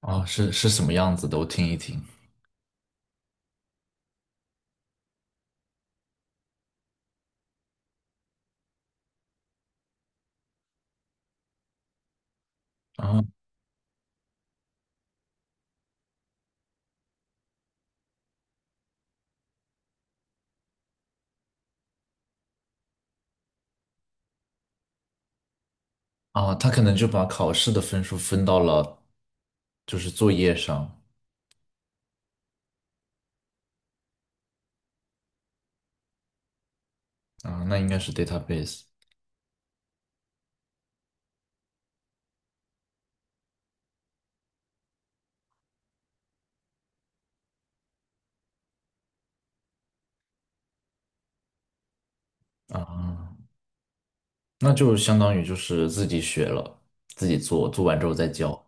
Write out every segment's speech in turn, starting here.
哦，是什么样子的？我听一听。啊啊，他可能就把考试的分数分到了就是作业上。啊，那应该是 database。 啊，那就相当于就是自己学了，自己做，做完之后再交。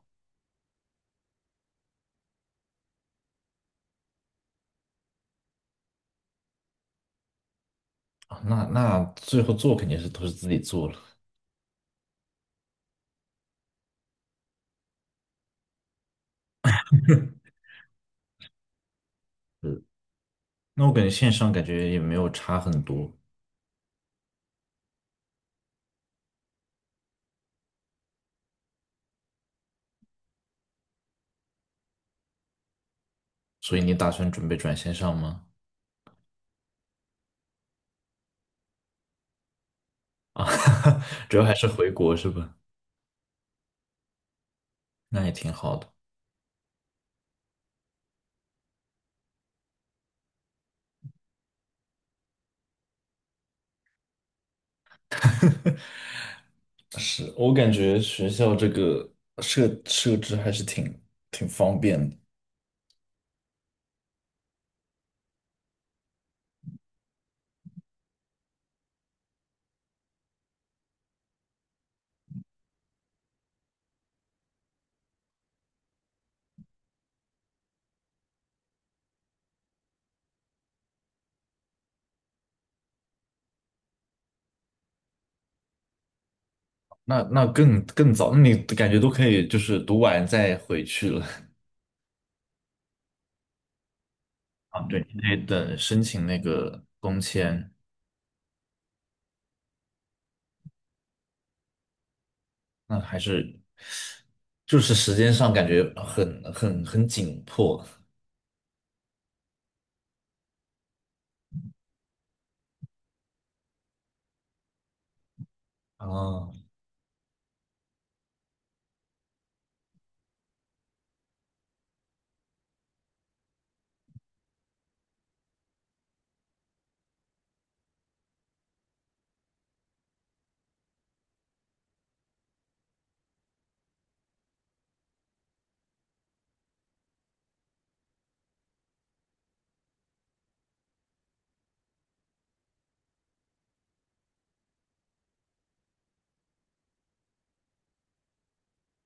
啊。那那最后做肯定是都是自己做了。嗯，那我感觉线上感觉也没有差很多，所以你打算准备转线上吗？啊，主要还是回国是吧？那也挺好的。是我感觉学校这个设置还是挺挺方便的。那那更更早，那你感觉都可以，就是读完再回去了。啊？对，你得等申请那个工签，那还是就是时间上感觉很紧迫啊。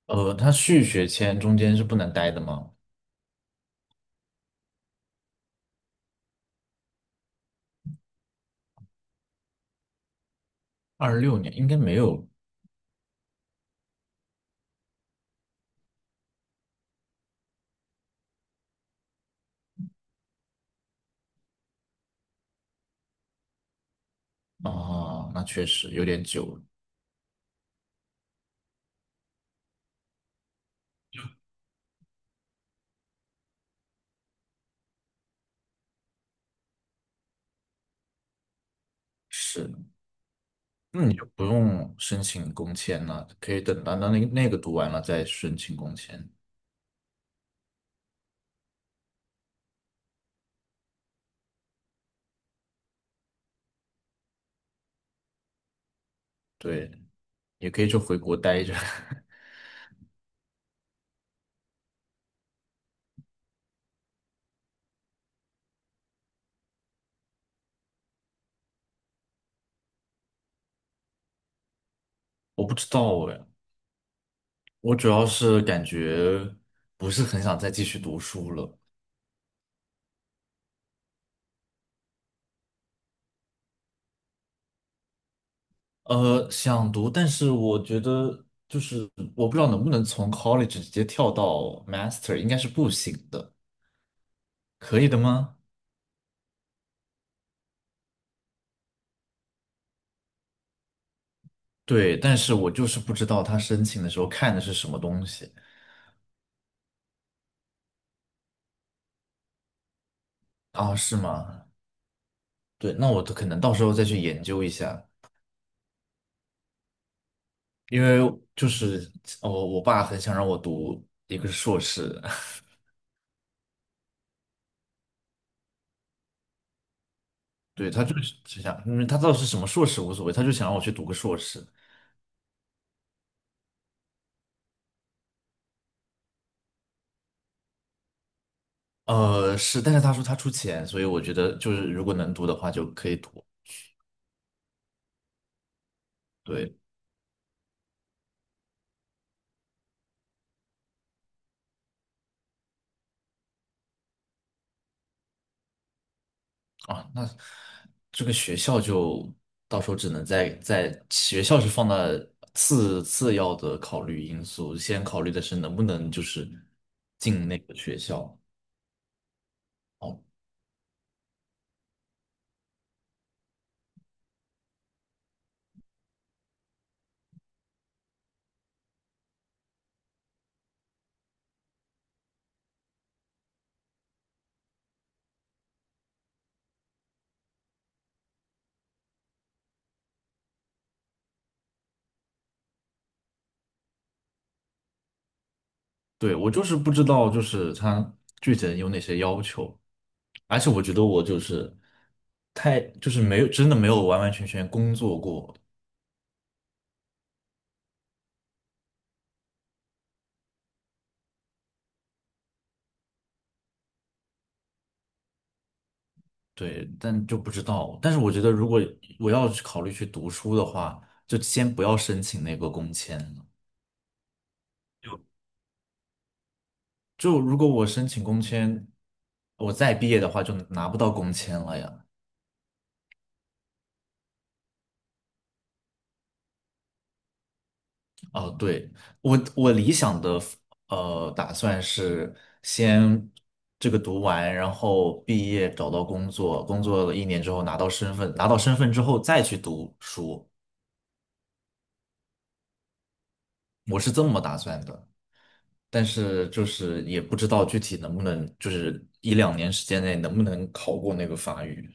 呃，他续学签中间是不能待的吗？二六年应该没有。啊，那确实有点久了。是。那你就不用申请工签了，可以等到那那那个读完了再申请工签。对，也可以就回国待着。我不知道哎，我主要是感觉不是很想再继续读书了。呃，想读，但是我觉得就是我不知道能不能从 college 直接跳到 master，应该是不行的，可以的吗？对，但是我就是不知道他申请的时候看的是什么东西。啊？是吗？对，那我可能到时候再去研究一下。因为就是我爸很想让我读一个硕士。对，他就是只想，因为他到底是什么硕士无所谓，他就想让我去读个硕士。呃，是，但是他说他出钱，所以我觉得就是如果能读的话就可以读。对。啊，那这个学校就到时候只能在在学校是放在次要的考虑因素，先考虑的是能不能就是进那个学校。哦。对，我就是不知道，就是他具体有哪些要求，而且我觉得我就是太就是没有真的没有完完全全工作过。对，但就不知道。但是我觉得如果我要去考虑去读书的话，就先不要申请那个工签了。就如果我申请工签，我再毕业的话就拿不到工签了呀。哦，对，我我理想的呃打算是先这个读完，然后毕业找到工作，工作了一年之后拿到身份，拿到身份之后再去读书，我是这么打算的。但是就是也不知道具体能不能，就是一两年时间内能不能考过那个法语。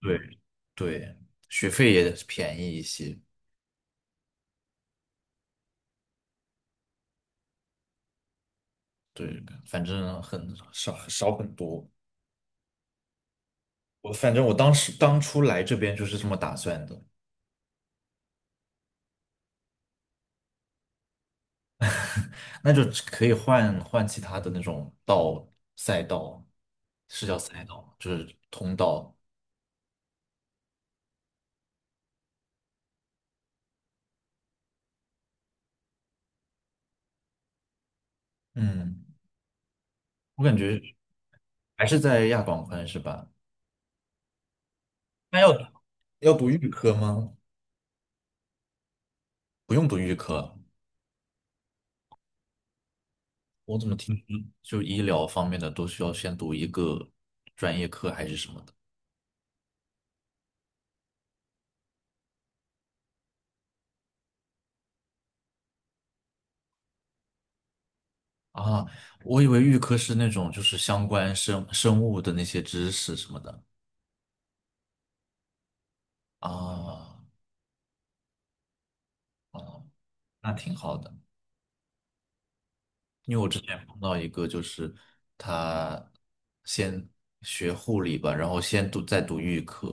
对。对，学费也便宜一些。对，反正很少，少很多。我反正我当时当初来这边就是这么打算的。那就只可以换换其他的那种赛道，是叫赛道吗，就是通道。嗯，我感觉还是在亚广宽是吧？那要要读预科吗？不用读预科，我怎么听嗯就医疗方面的都需要先读一个专业课还是什么的。啊？我以为预科是那种就是相关生物的那些知识什么的。啊，哦，那挺好的。因为我之前碰到一个，就是他先学护理吧，然后先读再读预科，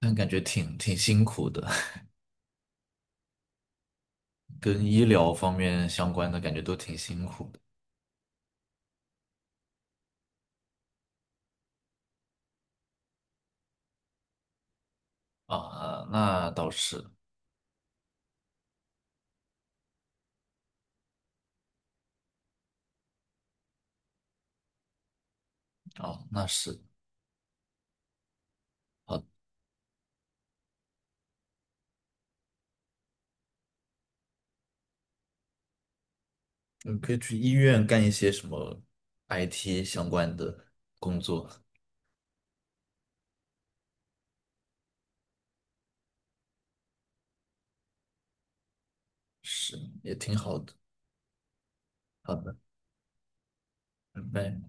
但感觉挺挺辛苦的。跟医疗方面相关的感觉都挺辛苦的。啊。那倒是。哦，那是。好，你可以去医院干一些什么 IT 相关的工作，是也挺好的。好的，拜拜。